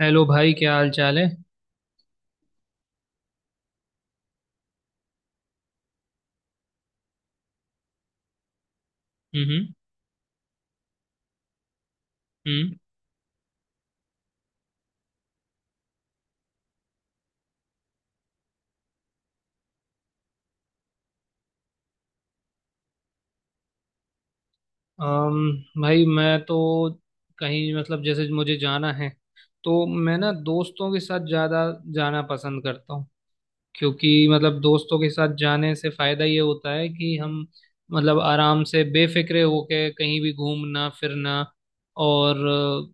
Hello भाई क्या हाल चाल है। हम्म हम्म। भाई मैं तो कहीं मतलब जैसे मुझे जाना है, तो मैं ना दोस्तों के साथ ज़्यादा जाना पसंद करता हूँ। क्योंकि मतलब दोस्तों के साथ जाने से फ़ायदा ये होता है कि हम मतलब आराम से बेफिक्रे होके कहीं भी घूमना फिरना। और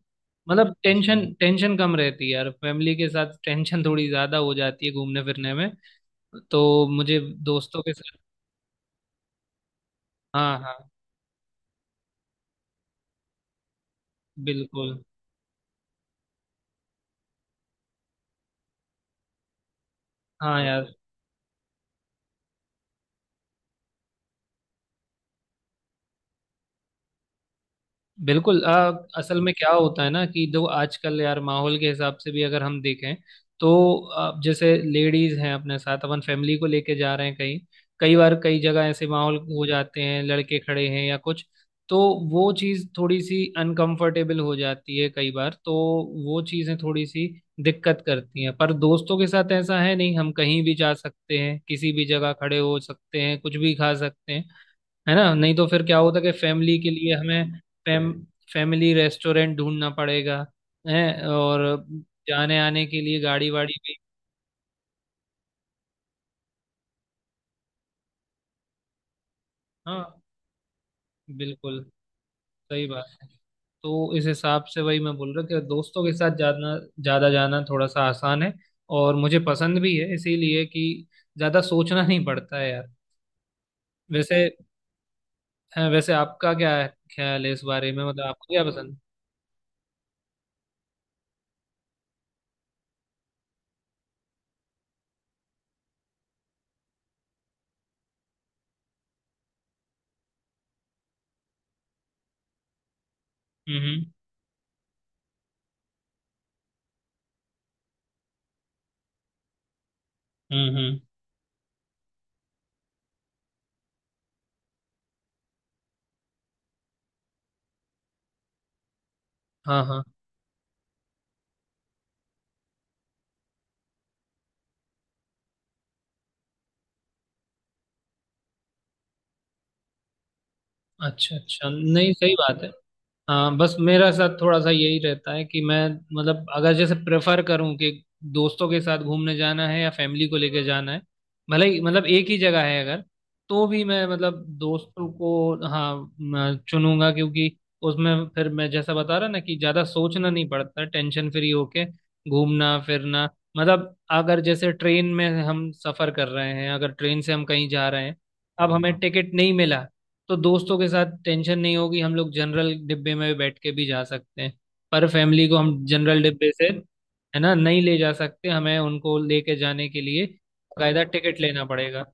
मतलब टेंशन टेंशन कम रहती है यार। फैमिली के साथ टेंशन थोड़ी ज़्यादा हो जाती है घूमने फिरने में। तो मुझे दोस्तों के साथ। हाँ हाँ। बिल्कुल। हाँ यार। बिल्कुल असल में क्या होता है ना कि जो आजकल यार माहौल के हिसाब से भी अगर हम देखें तो जैसे लेडीज हैं अपने साथ, अपन फैमिली को लेके जा रहे हैं कहीं, कई बार कई जगह ऐसे माहौल हो जाते हैं, लड़के खड़े हैं या कुछ। तो वो चीज़ थोड़ी सी अनकंफर्टेबल हो जाती है कई बार। तो वो चीज़ें थोड़ी सी दिक्कत करती हैं, पर दोस्तों के साथ ऐसा है नहीं, हम कहीं भी जा सकते हैं, किसी भी जगह खड़े हो सकते हैं, कुछ भी खा सकते हैं। है ना? नहीं तो फिर क्या होता कि फैमिली के लिए हमें फैम फैमिली रेस्टोरेंट ढूंढना पड़ेगा है। और जाने आने के लिए गाड़ी वाड़ी भी। हाँ बिल्कुल सही बात है। तो इस हिसाब से वही मैं बोल रहा कि दोस्तों के साथ जाना ज़्यादा, जाना थोड़ा सा आसान है। और मुझे पसंद भी है इसीलिए कि ज़्यादा सोचना नहीं पड़ता है यार। वैसे हाँ, वैसे आपका क्या ख्याल है इस बारे में? मतलब आपको क्या पसंद? हम्म। हम्म हम्म, हाँ हाँ, अच्छा अच्छा, नहीं सही बात है। हाँ, बस मेरा साथ थोड़ा सा यही रहता है कि मैं, मतलब अगर जैसे प्रेफर करूँ कि दोस्तों के साथ घूमने जाना है या फैमिली को लेके जाना है, भले ही मतलब एक ही जगह है अगर, तो भी मैं मतलब दोस्तों को, हाँ, मैं चुनूंगा। क्योंकि उसमें फिर मैं जैसा बता रहा ना कि ज़्यादा सोचना नहीं पड़ता, टेंशन फ्री होके घूमना फिरना। मतलब अगर जैसे ट्रेन में हम सफ़र कर रहे हैं, अगर ट्रेन से हम कहीं जा रहे हैं, अब हमें टिकट नहीं मिला, तो दोस्तों के साथ टेंशन नहीं होगी, हम लोग जनरल डिब्बे में बैठ के भी जा सकते हैं। पर फैमिली को हम जनरल डिब्बे से, है ना, नहीं ले जा सकते। हमें उनको लेके जाने के लिए कायदा टिकट लेना पड़ेगा।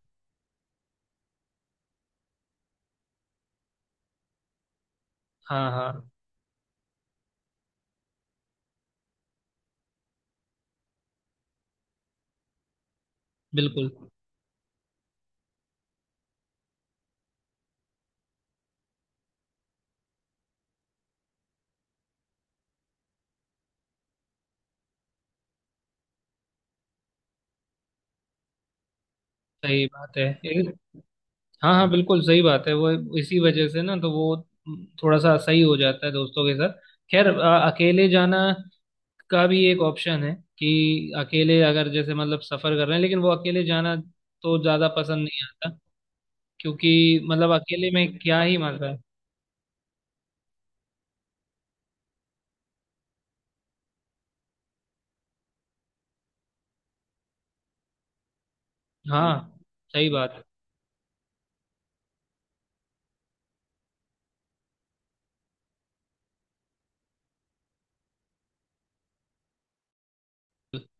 हाँ हाँ बिल्कुल सही बात है। हाँ हाँ बिल्कुल सही बात है वो। इसी वजह से ना तो वो थोड़ा सा सही हो जाता है दोस्तों के साथ। खैर अकेले जाना का भी एक ऑप्शन है कि अकेले अगर जैसे मतलब सफर कर रहे हैं, लेकिन वो अकेले जाना तो ज्यादा पसंद नहीं आता। क्योंकि मतलब अकेले में क्या ही मजा है। हाँ सही बात।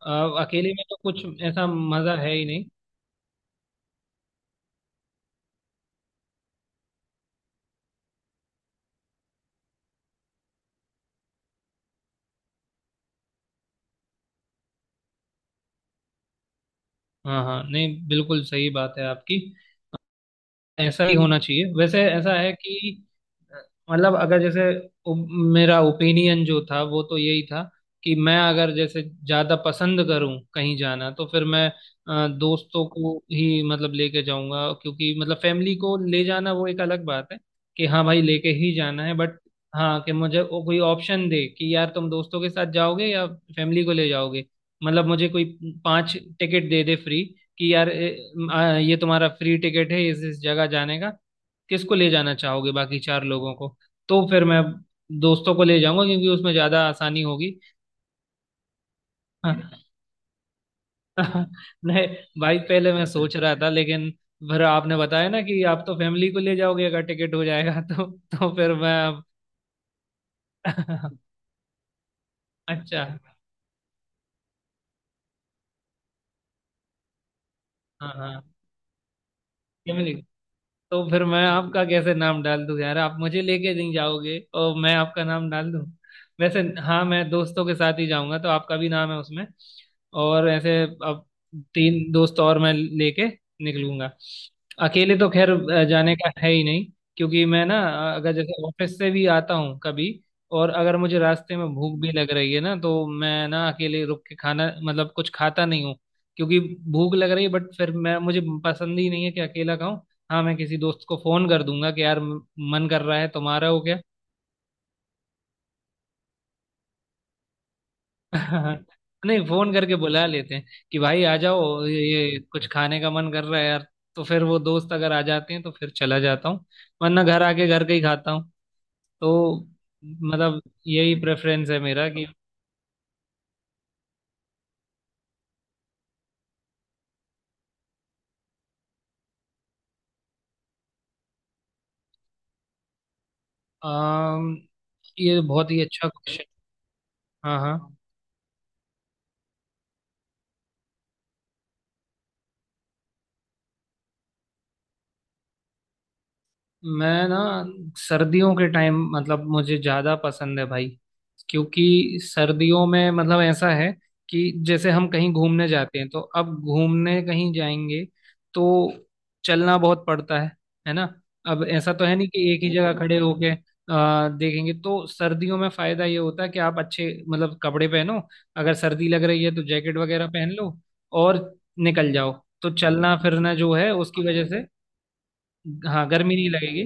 अ, अकेले में तो कुछ ऐसा मजा है ही नहीं। हाँ हाँ नहीं बिल्कुल सही बात है आपकी। ऐसा ही होना चाहिए वैसे। ऐसा है कि अ, मतलब अगर जैसे ओ- मेरा ओपिनियन जो था वो तो यही था कि मैं, अगर जैसे ज्यादा पसंद करूं कहीं जाना, तो फिर मैं दोस्तों को ही मतलब लेके जाऊंगा, क्योंकि मतलब फैमिली को ले जाना वो एक अलग बात है कि हाँ भाई लेके ही जाना है, बट हाँ, कि मुझे वो कोई ऑप्शन दे कि यार तुम दोस्तों के साथ जाओगे या फैमिली को ले जाओगे, मतलब मुझे कोई पांच टिकट दे दे फ्री कि यार ये तुम्हारा फ्री टिकट है इस जगह जाने का, किसको ले जाना चाहोगे बाकी चार लोगों को, तो फिर मैं दोस्तों को ले जाऊंगा क्योंकि उसमें ज्यादा आसानी होगी। नहीं भाई, पहले मैं सोच रहा था, लेकिन फिर आपने बताया ना कि आप तो फैमिली को ले जाओगे अगर टिकट हो जाएगा। तो फिर मैं अच्छा, हाँ हाँ। फैमिली। तो फिर मैं आपका कैसे नाम डाल दूं यार? आप मुझे लेके नहीं जाओगे और मैं आपका नाम डाल दूं? वैसे हाँ, मैं दोस्तों के साथ ही जाऊंगा तो आपका भी नाम है उसमें। और ऐसे अब तीन दोस्त और मैं लेके निकलूंगा। अकेले तो खैर जाने का है ही नहीं। क्योंकि मैं ना अगर जैसे ऑफिस से भी आता हूँ कभी, और अगर मुझे रास्ते में भूख भी लग रही है ना, तो मैं ना अकेले रुक के खाना मतलब कुछ खाता नहीं हूँ। क्योंकि भूख लग रही है, बट फिर मैं, मुझे पसंद ही नहीं है कि अकेला खाऊं। हाँ मैं किसी दोस्त को फोन कर दूंगा कि यार मन कर रहा है तुम्हारा, हो क्या? नहीं, फोन करके बुला लेते हैं कि भाई आ जाओ, ये कुछ खाने का मन कर रहा है यार। तो फिर वो दोस्त अगर आ जाते हैं तो फिर चला जाता हूँ, वरना घर आके घर का ही खाता हूँ। तो मतलब यही प्रेफरेंस है मेरा कि अम, ये बहुत ही अच्छा क्वेश्चन। हाँ हाँ, मैं ना सर्दियों के टाइम मतलब मुझे ज़्यादा पसंद है भाई। क्योंकि सर्दियों में मतलब ऐसा है कि जैसे हम कहीं घूमने जाते हैं तो अब घूमने कहीं जाएंगे तो चलना बहुत पड़ता है। है ना? अब ऐसा तो है नहीं कि एक ही जगह खड़े होके देखेंगे। तो सर्दियों में फ़ायदा ये होता है कि आप अच्छे मतलब कपड़े पहनो, अगर सर्दी लग रही है तो जैकेट वगैरह पहन लो, और निकल जाओ। तो चलना फिरना जो है, उसकी वजह से हाँ गर्मी नहीं लगेगी।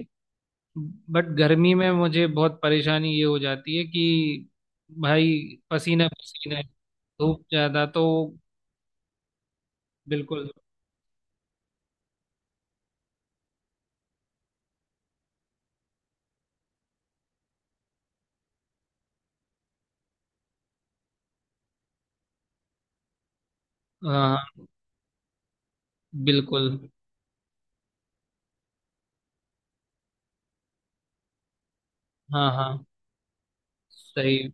बट गर्मी में मुझे बहुत परेशानी ये हो जाती है कि भाई, पसीना पसीना है, धूप ज्यादा। तो बिल्कुल। हाँ बिल्कुल। हाँ हाँ सही।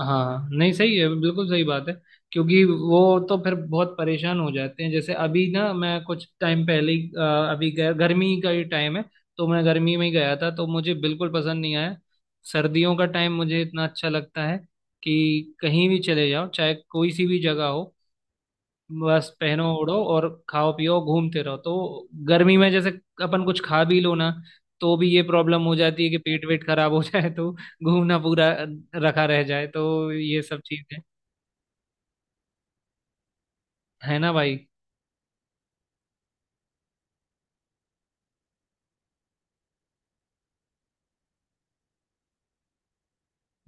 हाँ नहीं सही है, बिल्कुल सही बात है। क्योंकि वो तो फिर बहुत परेशान हो जाते हैं। जैसे अभी ना, मैं कुछ टाइम पहले ही अभी गर्मी का ही टाइम है तो मैं गर्मी में ही गया था, तो मुझे बिल्कुल पसंद नहीं आया। सर्दियों का टाइम मुझे इतना अच्छा लगता है कि कहीं भी चले जाओ, चाहे कोई सी भी जगह हो, बस पहनो ओढ़ो और खाओ पियो घूमते रहो। तो गर्मी में जैसे अपन कुछ खा भी लो ना, तो भी ये प्रॉब्लम हो जाती है कि पेट वेट खराब हो जाए, तो घूमना पूरा रखा रह जाए। तो ये सब चीजें, है ना भाई।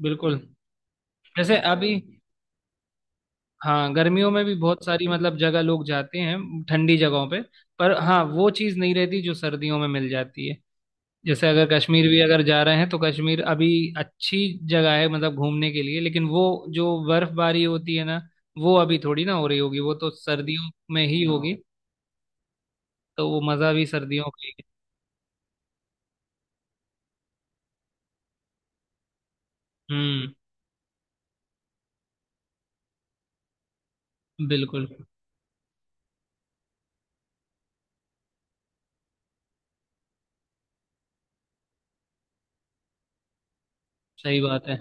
बिल्कुल, जैसे अभी हाँ गर्मियों में भी बहुत सारी मतलब जगह लोग जाते हैं ठंडी जगहों पे, पर हाँ, वो चीज़ नहीं रहती जो सर्दियों में मिल जाती है। जैसे अगर कश्मीर भी अगर जा रहे हैं, तो कश्मीर अभी अच्छी जगह है मतलब घूमने के लिए, लेकिन वो जो बर्फबारी होती है ना, वो अभी थोड़ी ना हो रही होगी, वो तो सर्दियों में ही होगी। तो वो मजा भी सर्दियों का ही है। हम्म। बिल्कुल सही बात है।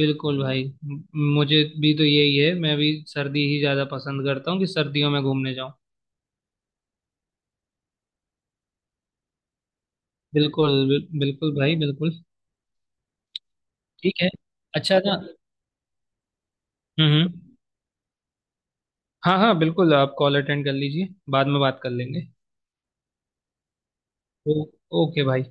बिल्कुल भाई मुझे भी तो यही है, मैं भी सर्दी ही ज्यादा पसंद करता हूँ कि सर्दियों में घूमने जाऊँ। बिल्कुल बिल्कुल भाई बिल्कुल। ठीक है। अच्छा था। हम्म हम्म। हाँ हाँ बिल्कुल, आप कॉल अटेंड कर लीजिए, बाद में बात कर लेंगे। ओ, ओके भाई।